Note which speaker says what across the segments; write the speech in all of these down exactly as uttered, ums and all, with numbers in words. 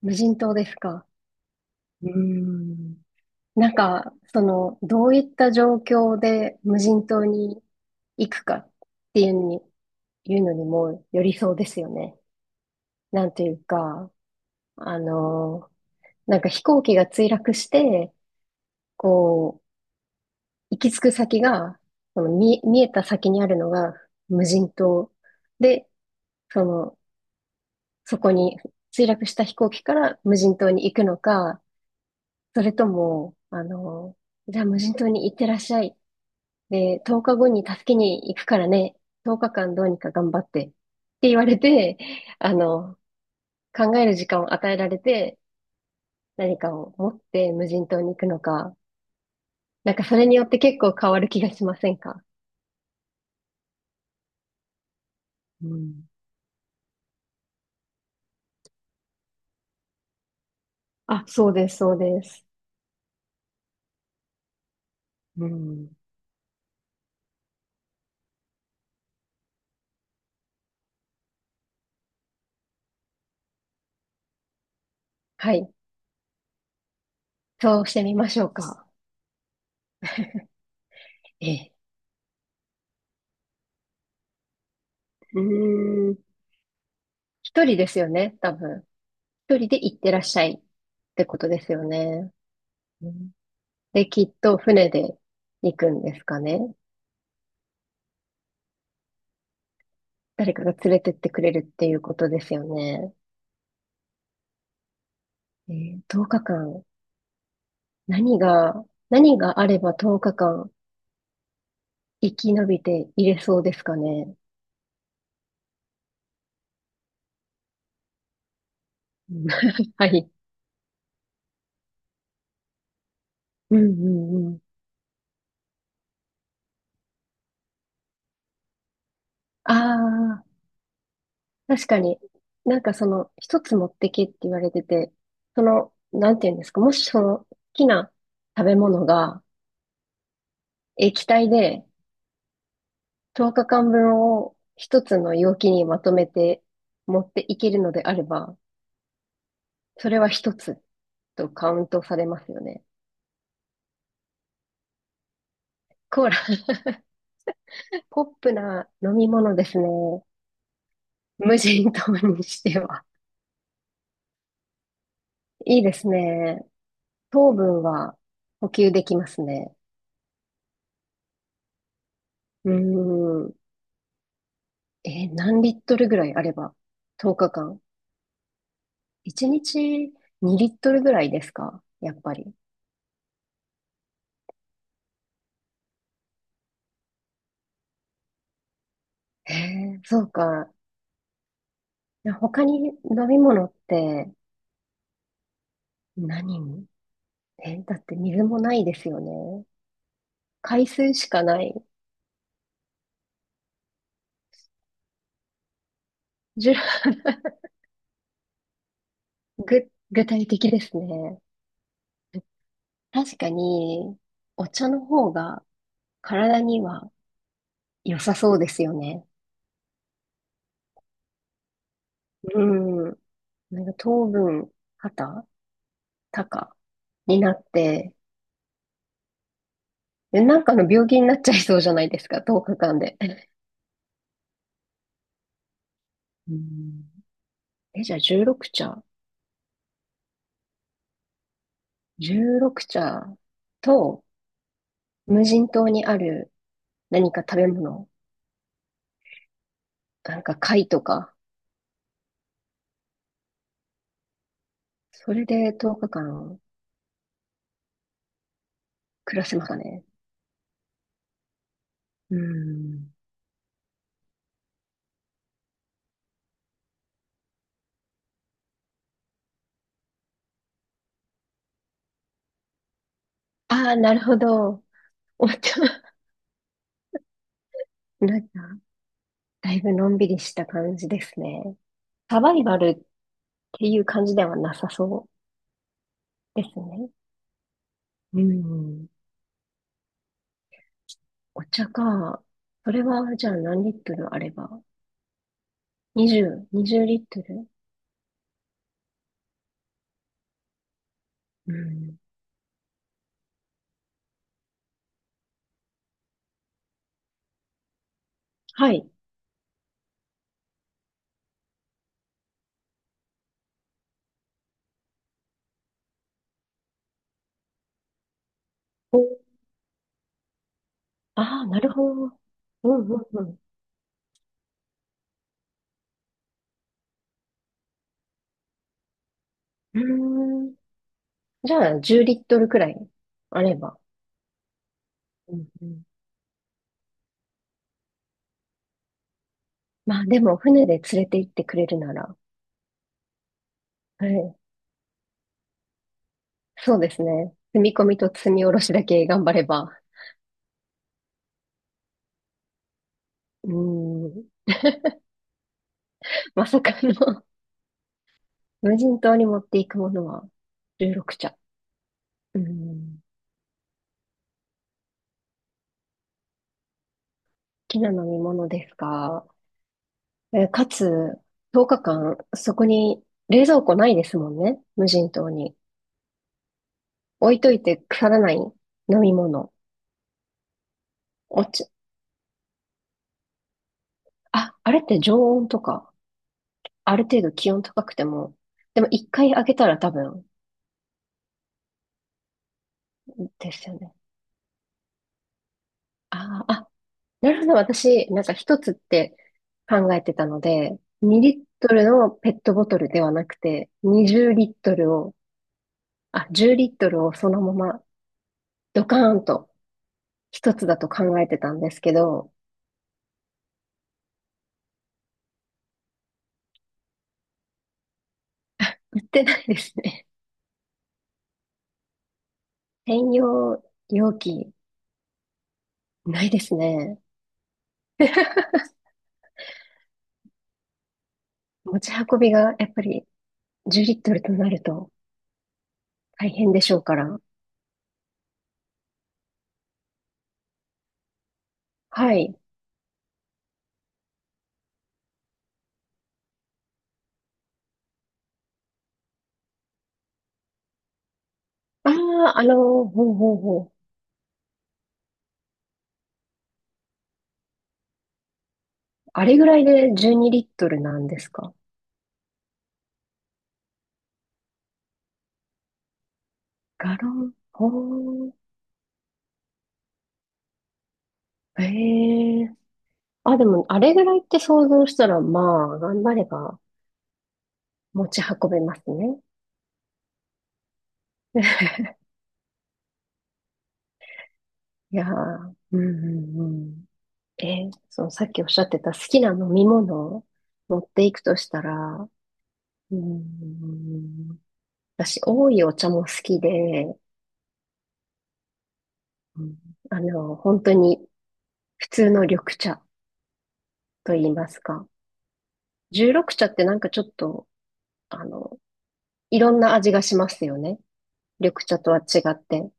Speaker 1: 無人島ですか。なんか、その、どういった状況で無人島に行くかっていうのに、いうのにもよりそうですよね。なんというか、あの、なんか飛行機が墜落して、こう、行き着く先が、その見、見えた先にあるのが無人島で、その、そこに墜落した飛行機から無人島に行くのか、それとも、あの、じゃあ無人島に行ってらっしゃい。で、とおかごに助けに行くからね、とおかかんどうにか頑張って、って言われて、あの、考える時間を与えられて、何かを持って無人島に行くのか、なんかそれによって結構変わる気がしませんか？うん。あ、そうです、そうです。うん。はい。そうしてみましょうか。ええ。うーん。一人ですよね、多分。一人で行ってらっしゃいってことですよね。うん。で、きっと船で行くんですかね。誰かが連れてってくれるっていうことですよね。えー、とおかかん、何が、何があればとおかかん生き延びていれそうですかね。うん はい。うんうんうん。ああ、確かに。なんかその、一つ持ってけって言われてて、その、なんていうんですか、もしその、好きな食べ物が液体でとおかかんぶんを一つの容器にまとめて持っていけるのであれば、それは一つ。とカウントされますよね。コーラ、ポップな飲み物ですね。無人島にしては。いいですね。糖分は補給できますね。うーん。えー何リットルぐらいあれば とおか 日間。いちにちにリットルぐらいですかやっぱり。へえ、そうか。他に飲み物って何にえ、だって水もないですよね。海水しかない。じゅ、ぐ、具体的ですね。確かに、お茶の方が体には良さそうですよね。うん。なんか糖分、肩、高になって、でなんかの病気になっちゃいそうじゃないですか、とおかかんで。うん。え、じゃあじゅうろく茶。じゅうろく茶と無人島にある何か食べ物、なんか貝とか、それでとおかかん暮らせますかね。うん。ああ、なるほど。お茶、なんか、だいぶのんびりした感じですね。サバイバルっていう感じではなさそうですね。うん。お茶か。それは、じゃあ何リットルあれば にじゅう、にじゅうリットル。うん。はい。お、ああ、なるほど。うんうんうん。うーん。じゃあ、じゅうリットルくらいあれば。うんうん。まあでも、船で連れて行ってくれるなら、はい。そうですね。積み込みと積み下ろしだけ頑張れば。うーん。まさかの無人島に持っていくものはじゅうろく茶。うん。好きな飲み物ですか？えーかつ、とおかかん、そこに冷蔵庫ないですもんね。無人島に。置いといて腐らない飲み物。お茶、あ、あれって常温とか、ある程度気温高くても、でも一回開けたら多分ですよね。あーあ、なるほど。私、なんか一つって考えてたので、にリットルのペットボトルではなくて、にじゅうリットル、あ、じゅうリットルをそのままドカーンと一つだと考えてたんですけど、売ってないですね。専用容器ないですね。持ち運びがやっぱりじゅうリットルとなると大変でしょうから。はい。ああ、あの、ほうほうほう。あれぐらいでじゅうにリットルなんですか。ガロン。ほう。へえ。あ、でも、あれぐらいって想像したら、まあ、頑張れば持ち運べますね。いやー、うんうんうん。えーそのさっきおっしゃってた好きな飲み物を持っていくとしたら、うーん、私、多いお茶も好きで、うん。あの、本当に普通の緑茶と言いますか。十六茶ってなんかちょっと、あの、いろんな味がしますよね。緑茶とは違って。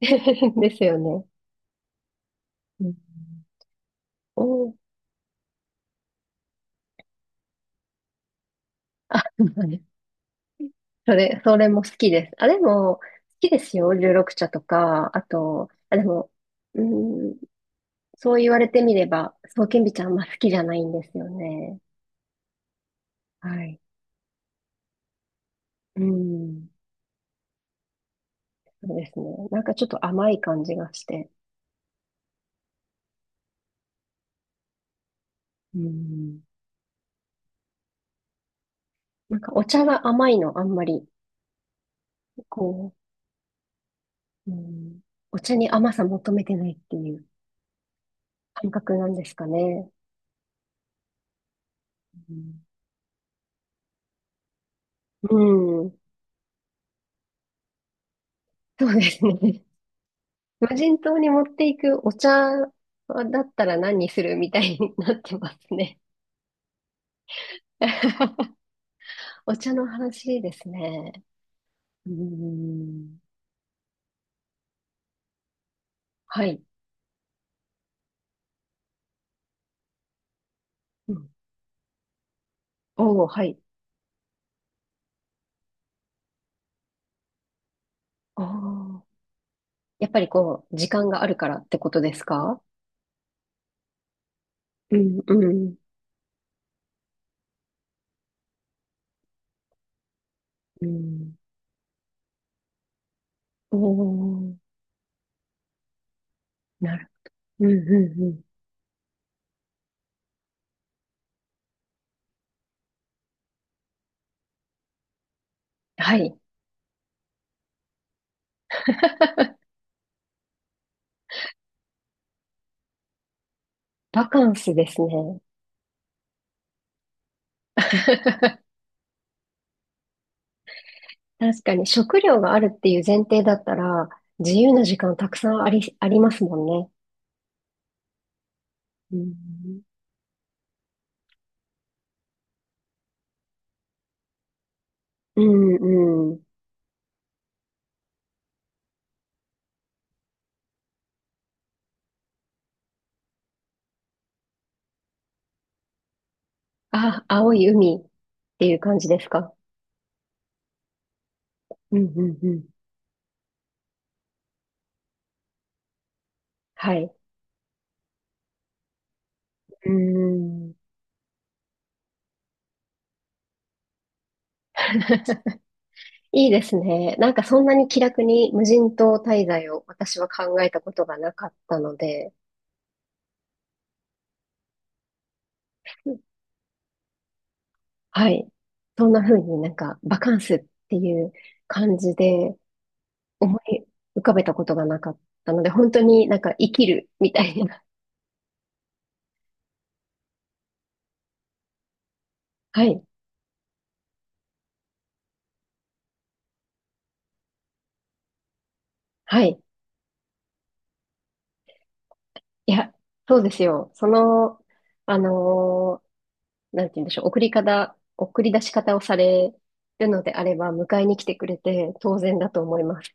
Speaker 1: ですよね。うん。お、あ、それ、それも好きです。あ、でも、好きですよ。十六茶とか、あと、あ、でも、うん。そう言われてみれば、そうけんびちゃんあんま好きじゃないんですよね。はい。うん。そうですね。なんかちょっと甘い感じがして。うん。なんかお茶が甘いのあんまり、こう、うん、お茶に甘さ求めてないっていう感覚なんですかね。うんうん。そうですね。無人島に持っていくお茶だったら何にするみたいになってますね。お茶の話ですね。うん。はい。うん。おー、はい。ああ。やっぱりこう、時間があるからってことですか？うん、うん、うん。おー、なる。うんうんうん。はい。バカンスですね。確かに食料があるっていう前提だったら、自由な時間たくさんあり、ありますもんね。うん、うんうん。あ、青い海っていう感じですか？うん、うん、うん。はい。うん いいですね。なんかそんなに気楽に無人島滞在を私は考えたことがなかったので、はい。そんな風になんかバカンスっていう感じで思い浮かべたことがなかったので、本当になんか生きるみたいな。はい。はい。いや、そうですよ。その、あのーなんて言うんでしょう。送り方、送り出し方をされるのであれば、迎えに来てくれて当然だと思います。